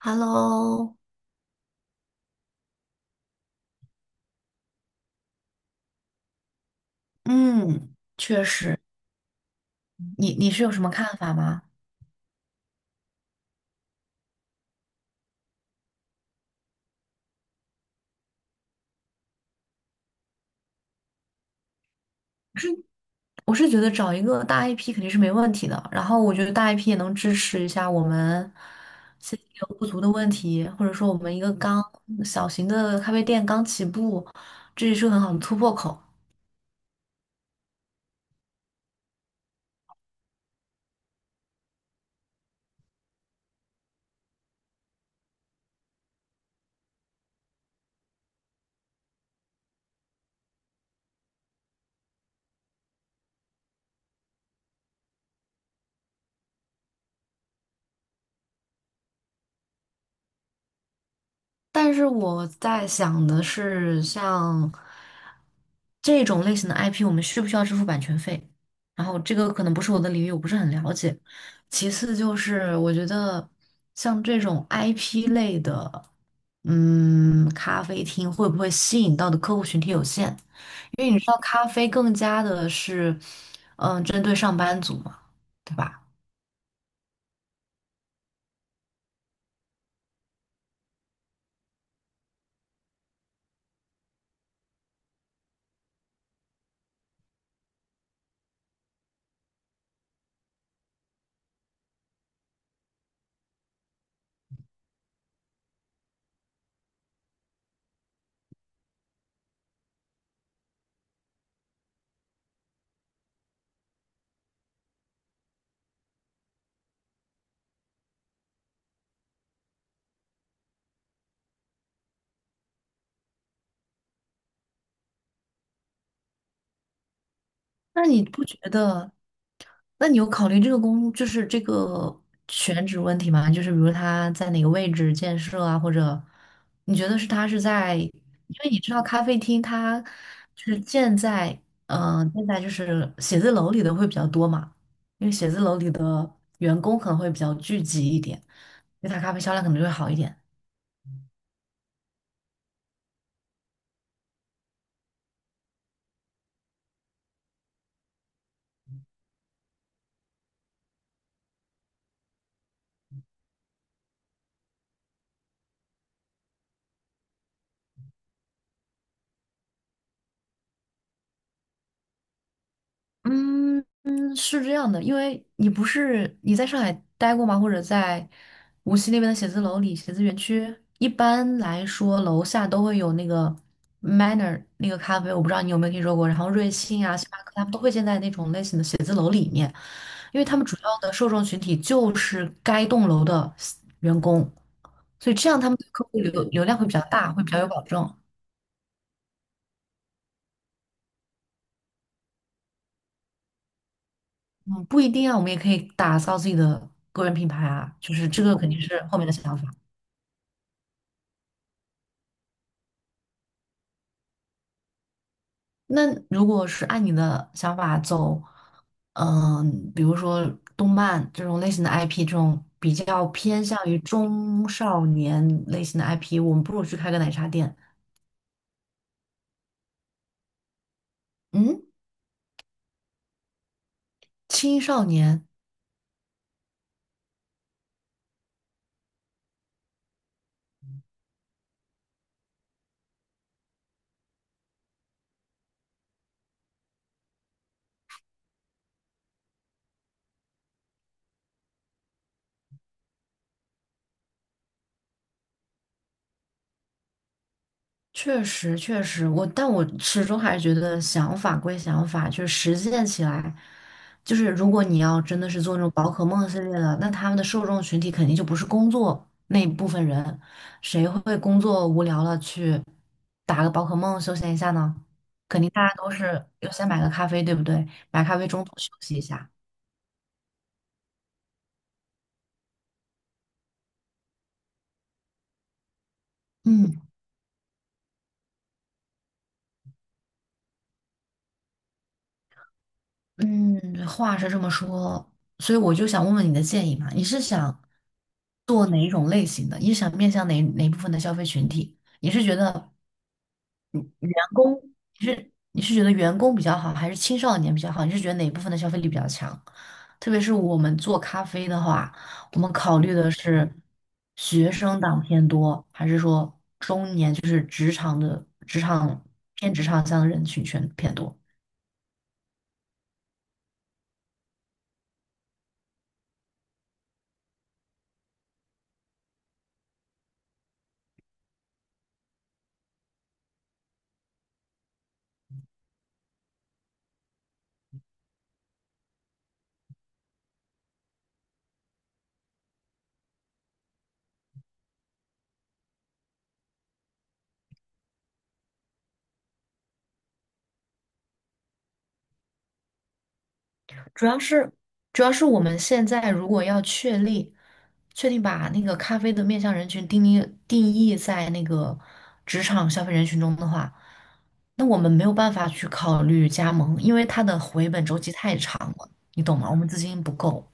Hello，嗯，确实，你是有什么看法吗？我是觉得找一个大 IP 肯定是没问题的，然后我觉得大 IP 也能支持一下我们现在有不足的问题，或者说我们一个刚小型的咖啡店刚起步，这也是个很好的突破口。但是我在想的是，像这种类型的 IP，我们需不需要支付版权费？然后这个可能不是我的领域，我不是很了解。其次就是，我觉得像这种 IP 类的，咖啡厅会不会吸引到的客户群体有限？因为你知道，咖啡更加的是，针对上班族嘛，对吧？那你不觉得？那你有考虑这个工，就是这个选址问题吗？就是比如他在哪个位置建设啊，或者你觉得是他是在，因为你知道咖啡厅它就是建在就是写字楼里的会比较多嘛，因为写字楼里的员工可能会比较聚集一点，所以它咖啡销量可能就会好一点。嗯嗯，是这样的，因为你不是你在上海待过吗？或者在无锡那边的写字楼里、写字园区，一般来说楼下都会有那个 Manner 那个咖啡，我不知道你有没有听说过。然后瑞幸啊、星巴克，他们都会建在那种类型的写字楼里面，因为他们主要的受众群体就是该栋楼的员工，所以这样他们的客户流量会比较大，会比较有保证。嗯，不一定啊，我们也可以打造自己的个人品牌啊，就是这个肯定是后面的想法。那如果是按你的想法走，比如说动漫这种类型的 IP，这种比较偏向于中少年类型的 IP，我们不如去开个奶茶店。嗯，青少年，确实，确实，但我始终还是觉得想法归想法，就是实践起来，就是如果你要真的是做那种宝可梦系列的，那他们的受众群体肯定就不是工作那一部分人，谁会工作无聊了去打个宝可梦休闲一下呢？肯定大家都是要先买个咖啡，对不对？买咖啡中途休息一下。嗯。嗯，话是这么说，所以我就想问问你的建议嘛，你是想做哪一种类型的？你想面向哪部分的消费群体？员工，你是觉得员工比较好，还是青少年比较好？你是觉得哪部分的消费力比较强？特别是我们做咖啡的话，我们考虑的是学生党偏多，还是说中年就是职场向的人群偏多？主要是主要是我们现在如果要确定把那个咖啡的面向人群定义在那个职场消费人群中的话，那我们没有办法去考虑加盟，因为它的回本周期太长了，你懂吗？我们资金不够，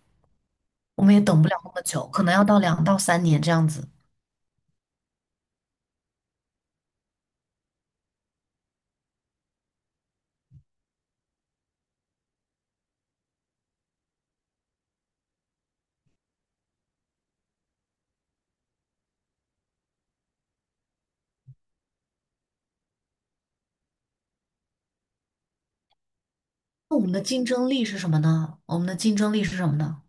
我们也等不了那么久，可能要到2到3年这样子。那我们的竞争力是什么呢？我们的竞争力是什么呢？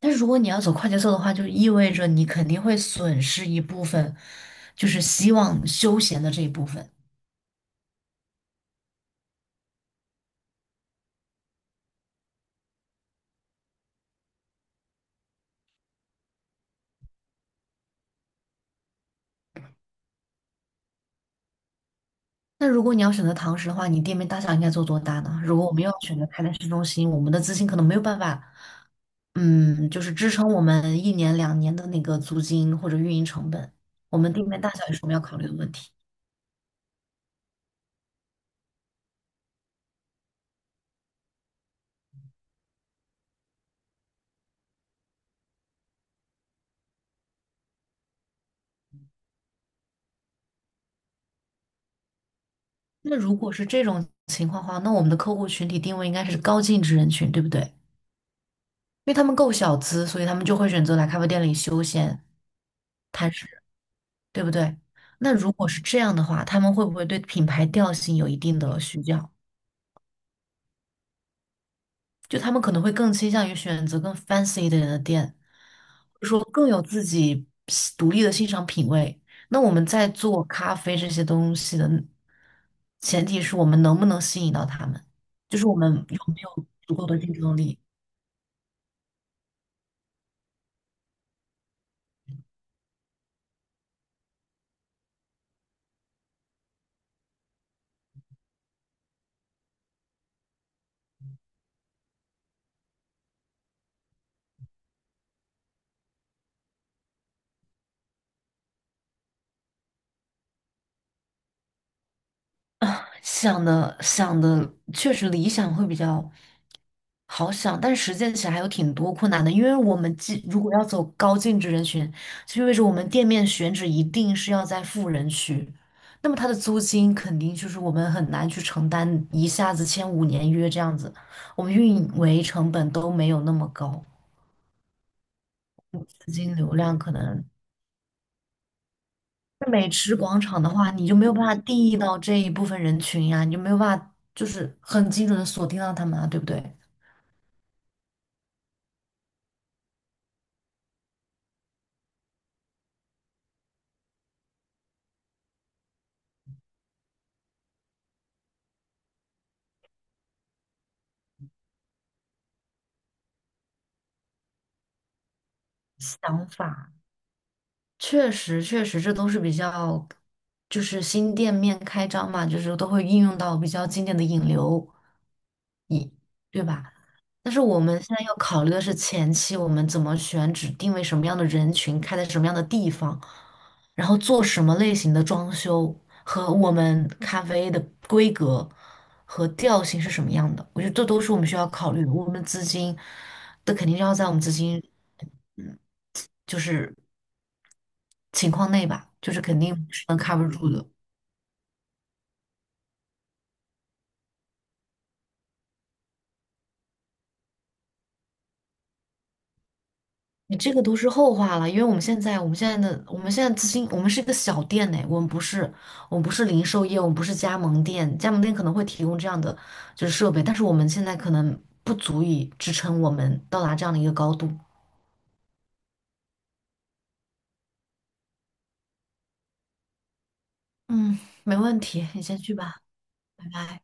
但是如果你要走快节奏的话，就意味着你肯定会损失一部分，就是希望休闲的这一部分。那如果你要选择堂食的话，你店面大小应该做多大呢？如果我们又要选择开在市中心，我们的资金可能没有办法，就是支撑我们一年两年的那个租金或者运营成本。我们店面大小也是我们要考虑的问题。那如果是这种情况的话，那我们的客户群体定位应该是高净值人群，对不对？因为他们够小资，所以他们就会选择来咖啡店里休闲。摊事对不对？那如果是这样的话，他们会不会对品牌调性有一定的需要？就他们可能会更倾向于选择更 fancy 一点的店，或者说更有自己喜独立的欣赏品味。那我们在做咖啡这些东西的前提是我们能不能吸引到他们，就是我们有没有足够的竞争力。啊？想的确实理想会比较。好想，但实践起来还有挺多困难的，因为我们既如果要走高净值人群，就意味着我们店面选址一定是要在富人区，那么它的租金肯定就是我们很难去承担，一下子签5年约这样子，我们运维成本都没有那么高，资金流量可能那美食广场的话，你就没有办法定义到这一部分人群呀、你就没有办法就是很精准的锁定到他们啊，对不对？想法。确实，确实，这都是比较，就是新店面开张嘛，就是都会应用到比较经典的引流，引，对吧？但是我们现在要考虑的是前期我们怎么选址，定位什么样的人群，开在什么样的地方，然后做什么类型的装修，和我们咖啡的规格和调性是什么样的。我觉得这都是我们需要考虑的。我们资金，这肯定要在我们资金，嗯，就是。情况内吧，就是肯定是能 cover 住的。你这个都是后话了，因为我们现在资金，我们是一个小店呢，我们不是零售业，我们不是加盟店，加盟店可能会提供这样的就是设备，但是我们现在可能不足以支撑我们到达这样的一个高度。嗯，没问题，你先去吧，拜拜。